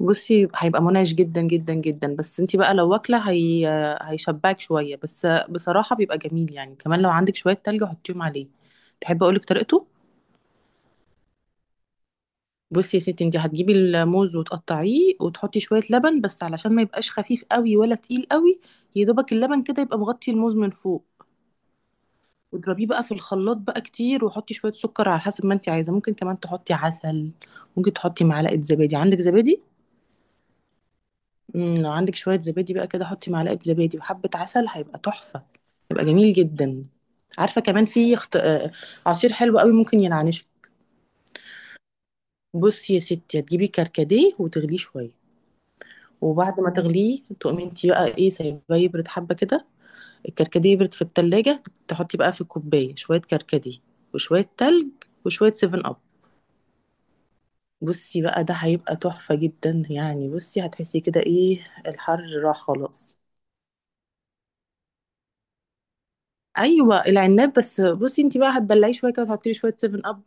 بصي، هيبقى منعش جدا جدا جدا. بس انتي بقى لو واكله هي. هيشبعك شويه. بس بصراحه بيبقى جميل، يعني كمان لو عندك شويه تلج حطيهم عليه. تحب اقولك طريقته؟ بصي يا ستي، انتي هتجيبي الموز وتقطعيه وتحطي شويه لبن، بس علشان ما يبقاش خفيف قوي ولا تقيل قوي، يا دوبك اللبن كده يبقى مغطي الموز من فوق. واضربيه بقى في الخلاط بقى كتير، وحطي شويه سكر على حسب ما انتي عايزه، ممكن كمان تحطي عسل، ممكن تحطي معلقه زبادي. عندك زبادي؟ لو عندك شوية زبادي بقى كده، حطي معلقة زبادي وحبة عسل، هيبقى تحفة. هيبقى جميل جدا. عارفة كمان في خط... آه، آه، عصير حلو قوي ممكن ينعنشه. بصي يا ستي، هتجيبي كركديه وتغليه شوية، وبعد ما تغليه تقومي انتي بقى ايه، سايباه يبرد حبة كده. الكركديه يبرد في التلاجة، تحطي بقى في كوباية شوية كركديه، وشوية تلج، وشوية سيفن اب. بصي بقى، ده هيبقى تحفة جدا. يعني بصي هتحسي كده ايه، الحر راح خلاص. ايوه، العناب. بس بصي انت بقى هتدلعيه شويه كده، تحطي له شويه 7 اب،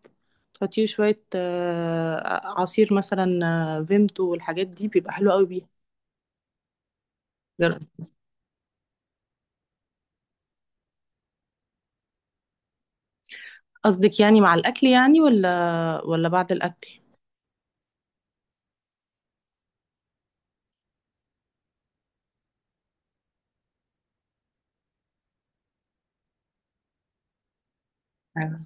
تحطي له شويه عصير مثلا، فيمتو والحاجات دي، بيبقى حلو قوي بيها. جر- قصدك يعني مع الاكل يعني، ولا بعد الاكل؟ انا.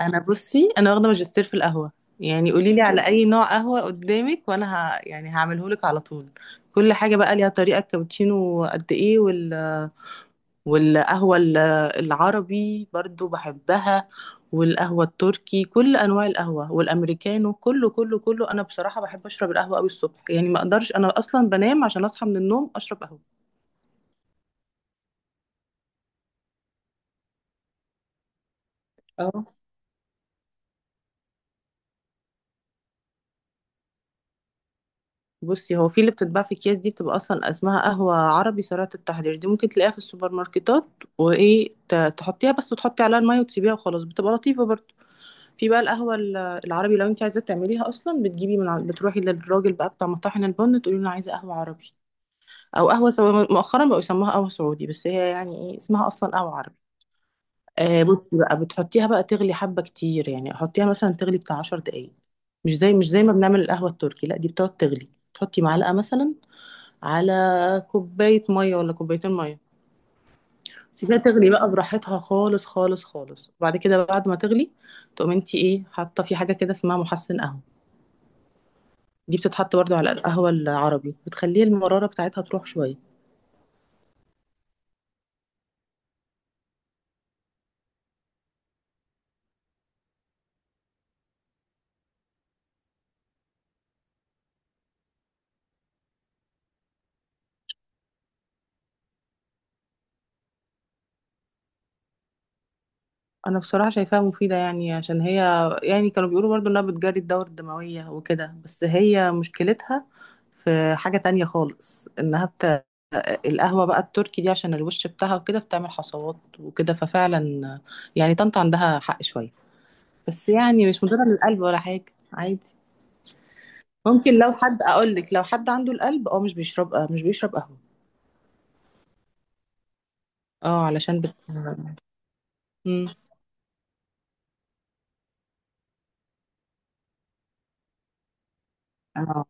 أنا بصي، واخده ماجستير في القهوه. يعني قولي لي على اي نوع قهوه قدامك وانا يعني هعمله لك على طول. كل حاجه بقى ليها طريقه. الكابتشينو قد ايه، والقهوة ال- العربي برضو بحبها، والقهوة التركي، كل أنواع القهوة والأمريكانو، كله. أنا بصراحة بحب أشرب القهوة أوي الصبح. يعني ما أقدرش، أنا أصلا بنام عشان أصحى من النوم أشرب قهوة. اه، بصي هو في اللي بتتباع في أكياس دي، بتبقى أصلا اسمها قهوة عربي سريعة التحضير، دي ممكن تلاقيها في السوبر ماركتات. وإيه، تحطيها بس وتحطي عليها المية وتسيبيها وخلاص، بتبقى لطيفة برضو. في بقى العربي، لو أنت عايزة تعمليها أصلا بتجيبي بتروحي للراجل بقى بتاع مطاحن البن، تقولي له أنا عايزة قهوة عربي، او قهوه سعودي. مؤخرا بقوا يسموها قهوه سعودي، بس هي يعني ايه، اسمها اصلا قهوه عربي. آه، بصي بقى بتحطيها بقى تغلي حبه كتير، يعني حطيها مثلا تغلي بتاع 10 دقائق. مش زي ما بنعمل القهوه التركي، لا دي بتقعد تغلي، تحطي معلقه مثلا على كوبايه ميه ولا كوبايتين ميه. سيبيها تغلي بقى براحتها، خالص. وبعد كده، بعد ما تغلي، تقوم انت ايه حاطه في حاجه كده اسمها محسن قهوه. دي بتتحط برضو على القهوه العربي، بتخلي المراره بتاعتها تروح شويه. انا بصراحه شايفاها مفيده، يعني عشان هي، يعني كانوا بيقولوا برضو انها بتجري الدورة الدمويه وكده، بس هي مشكلتها في حاجه تانية خالص، انها. القهوه بقى التركي دي، عشان الوش بتاعها وكده بتعمل حصوات وكده، ففعلا يعني طنط عندها حق شويه. بس يعني مش مضره للقلب ولا حاجه. عادي. ممكن لو حد، اقول لك لو حد عنده القلب، اه مش بيشرب، آه مش بيشرب قهوه. اه علشان مم. اه،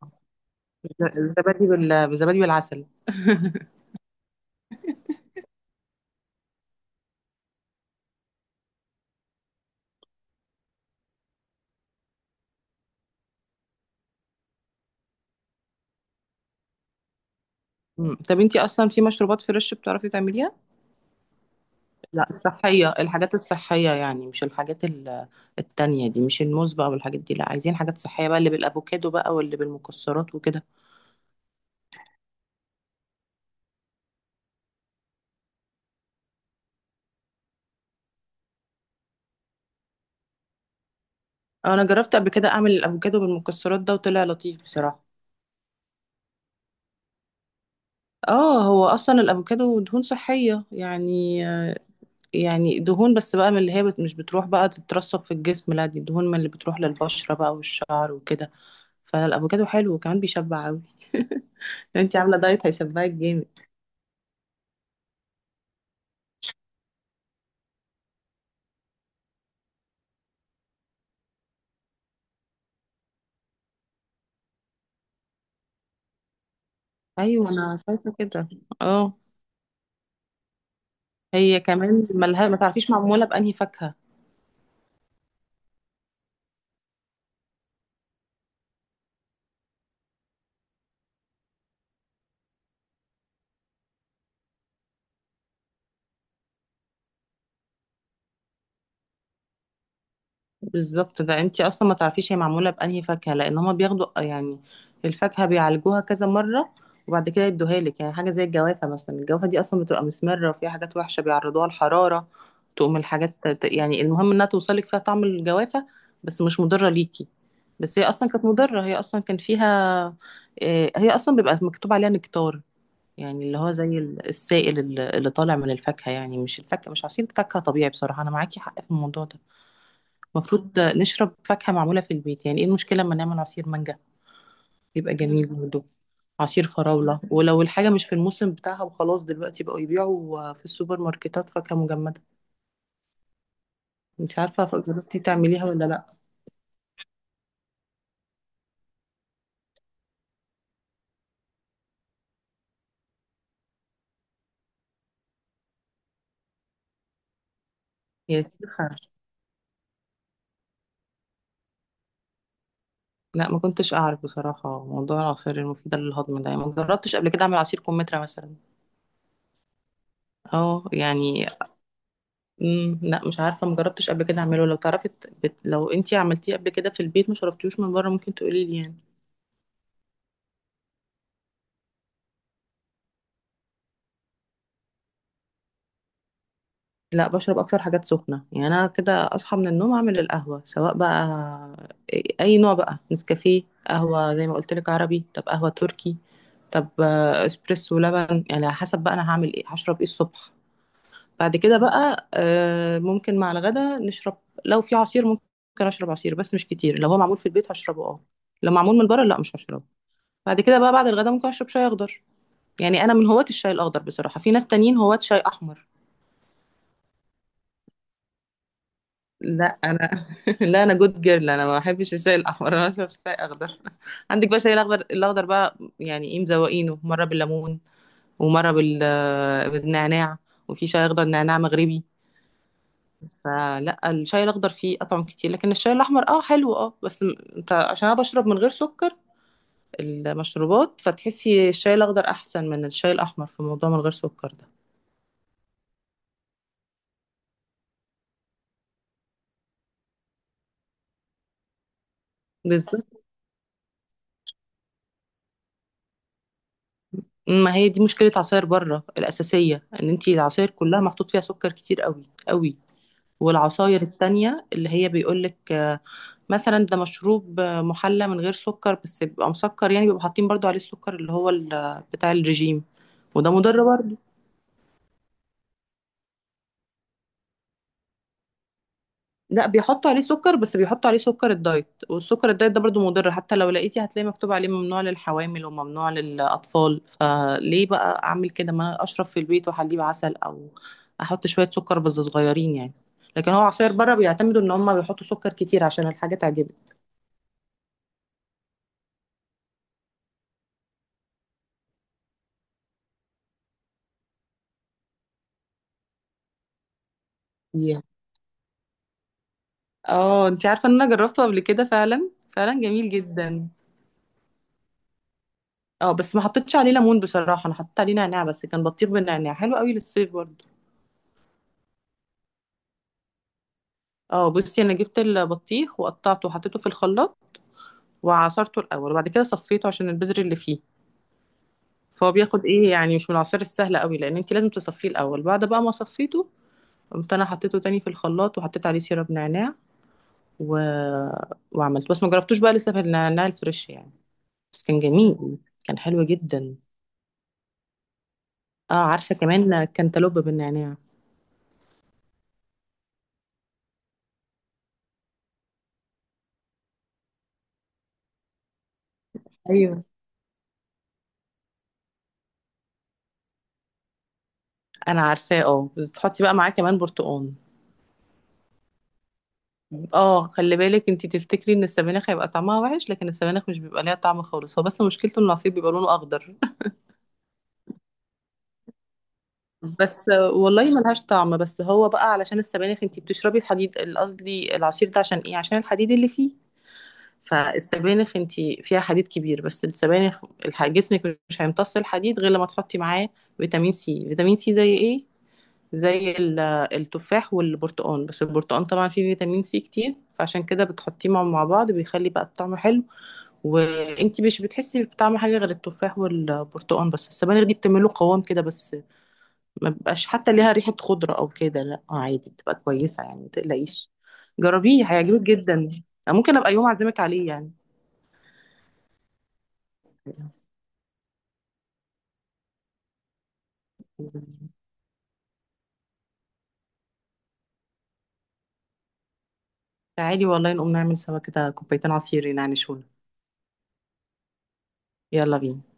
الزبادي بالزبادي بالعسل مم. طب انتي اصلا في مشروبات فريش بتعرفي تعمليها؟ لا الصحيه، الحاجات الصحيه، يعني مش التانية دي، مش الموز بقى والحاجات دي، لا عايزين حاجات صحيه بقى، اللي بالافوكادو بقى واللي بالمكسرات وكده. انا جربت قبل كده اعمل الافوكادو بالمكسرات ده وطلع لطيف بصراحه. اه، هو اصلا الافوكادو دهون صحيه يعني. يعني دهون، بس بقى من اللي هي مش بتروح بقى تترسب في الجسم، لا دي دهون من اللي بتروح للبشره بقى والشعر وكده. فالافوكادو حلو، وكمان بيشبع قوي. انتي عامله دايت هيشبعك جامد. ايوه انا شايفه كده. اه، هي كمان ملها، ما تعرفيش معموله بانهي فاكهه. بالظبط، ده انتي اصلا ما تعرفيش هي معموله بانهي فاكهه، لان هما بياخدوا يعني الفاكهه بيعالجوها كذا مره، وبعد كده يدوها لك. يعني حاجه زي الجوافه مثلا، الجوافه دي اصلا بتبقى مسمره وفيها حاجات وحشه، بيعرضوها الحراره تقوم الحاجات يعني المهم انها توصلك فيها طعم الجوافه، بس مش مضره ليكي. بس هي اصلا كانت مضره، هي اصلا كان فيها، هي اصلا بيبقى مكتوب عليها نكتار، يعني اللي هو زي السائل اللي طالع من الفاكهة، يعني مش الفاكهة، مش عصير فاكهة طبيعي. بصراحة أنا معاكي حق في الموضوع ده. المفروض نشرب فاكهة معمولة في البيت. يعني إيه المشكلة أما نعمل عصير مانجا، يبقى جميل برضه. عصير فراولة، ولو الحاجة مش في الموسم بتاعها وخلاص، دلوقتي بقوا يبيعوا في السوبر ماركتات فاكهة مجمدة. مش عارفة جربتي تعمليها ولا لأ. يا سيدي خير. لا ما كنتش أعرف بصراحة موضوع العصير المفيدة للهضم ده، يعني ما جربتش قبل كده أعمل عصير كمثرى مثلا. اه يعني، امم، لا مش عارفه، مجربتش قبل كده اعمله. لو تعرفي لو انتي عملتيه قبل كده في البيت ما شربتيهوش من بره، ممكن تقولي لي يعني. لا بشرب اكتر حاجات سخنه. يعني انا كده اصحى من النوم اعمل القهوه، سواء بقى اي نوع بقى، نسكافيه، قهوه زي ما قلت لك عربي، طب قهوه تركي، طب اسبريسو لبن، يعني على حسب بقى انا هعمل ايه، هشرب ايه الصبح. بعد كده بقى، ممكن مع الغدا نشرب. لو في عصير ممكن اشرب عصير، بس مش كتير. لو هو معمول في البيت هشربه اه، لو معمول من بره لا مش هشربه. بعد كده بقى بعد الغدا ممكن اشرب شاي اخضر. يعني انا من هواة الشاي الاخضر بصراحه، في ناس تانيين هواة شاي احمر. لا انا، لا انا جود جيرل، انا ما بحبش الشاي الاحمر، انا اشرب شاي اخضر. عندك بقى الشاي الاخضر، الاخضر بقى يعني ايه، مزوقينه مره بالليمون، ومره بال بالنعناع، وفي شاي اخضر نعناع مغربي. فلا، الشاي الاخضر فيه اطعم كتير، لكن الشاي الاحمر اه حلو اه، بس انت عشان انا بشرب من غير سكر المشروبات، فتحسي الشاي الاخضر احسن من الشاي الاحمر في موضوع من غير سكر ده. بالظبط، ما هي دي مشكلة عصاير بره الأساسية، إن أنتي العصاير كلها محطوط فيها سكر كتير قوي، قوي. والعصاير التانية اللي هي بيقولك مثلا ده مشروب، محلى من غير سكر، بس بيبقى مسكر، يعني بيبقوا حاطين برضو عليه السكر اللي هو بتاع الرجيم، وده مضر برضو. لا بيحطوا عليه سكر، بس بيحطوا عليه سكر الدايت، والسكر الدايت ده برضو مضر، حتى لو لقيتي هتلاقي مكتوب عليه ممنوع للحوامل وممنوع للأطفال. فليه بقى أعمل كده، ما أنا أشرب في البيت وأحليه بعسل، أو أحط شوية سكر بس صغيرين يعني. لكن هو عصير بره بيعتمدوا إن هما بيحطوا سكر كتير عشان الحاجة تعجبك. yeah. اه، انت عارفة إن أنا جربته قبل كده، فعلا فعلا جميل جدا. اه بس ما حطيتش عليه ليمون بصراحة، أنا حطيت عليه نعناع بس، كان بطيخ بالنعناع حلو قوي للصيف برضو. اه بصي، انا جبت البطيخ وقطعته وحطيته في الخلاط وعصرته الاول، وبعد كده صفيته عشان البذر اللي فيه. فهو بياخد ايه يعني، مش من العصير السهل قوي لان انت لازم تصفيه الاول. بعد بقى ما صفيته، قمت انا حطيته تاني في الخلاط وحطيت عليه سيرب نعناع و... وعملته، بس ما جربتوش بقى لسه، في النعناع الفريش يعني. بس كان جميل، كان حلو جدا. اه، عارفه كمان كانتالوب بالنعناع. ايوه انا عارفاه، اه بس تحطي بقى معاه كمان برتقال. اه خلي بالك، انتي تفتكري ان السبانخ هيبقى طعمها وحش، لكن السبانخ مش بيبقى ليها طعم خالص، هو بس مشكلته ان العصير بيبقى لونه اخضر. بس والله ملهاش طعم، بس هو بقى علشان السبانخ انتي بتشربي الحديد، قصدي العصير ده عشان ايه، عشان الحديد اللي فيه. فالسبانخ انتي فيها حديد كبير، بس السبانخ جسمك مش هيمتص الحديد غير لما تحطي معاه فيتامين سي. فيتامين سي زي ايه، زي التفاح والبرتقال، بس البرتقال طبعا فيه فيتامين سي كتير، فعشان كده بتحطيه مع بعض، بيخلي بقى الطعم حلو، وانتي مش بتحسي بطعم حاجه غير التفاح والبرتقال، بس السبانخ دي بتعمله قوام كده بس. ما بيبقاش حتى ليها ريحة خضرة أو كده، لا عادي بتبقى كويسة، يعني ما تقلقيش. جربيه هيعجبك جدا. ممكن أبقى يوم أعزمك عليه يعني. تعالي والله، نقوم نعمل سوا كده كوبايتين عصير ينعنشونا. يلا بينا.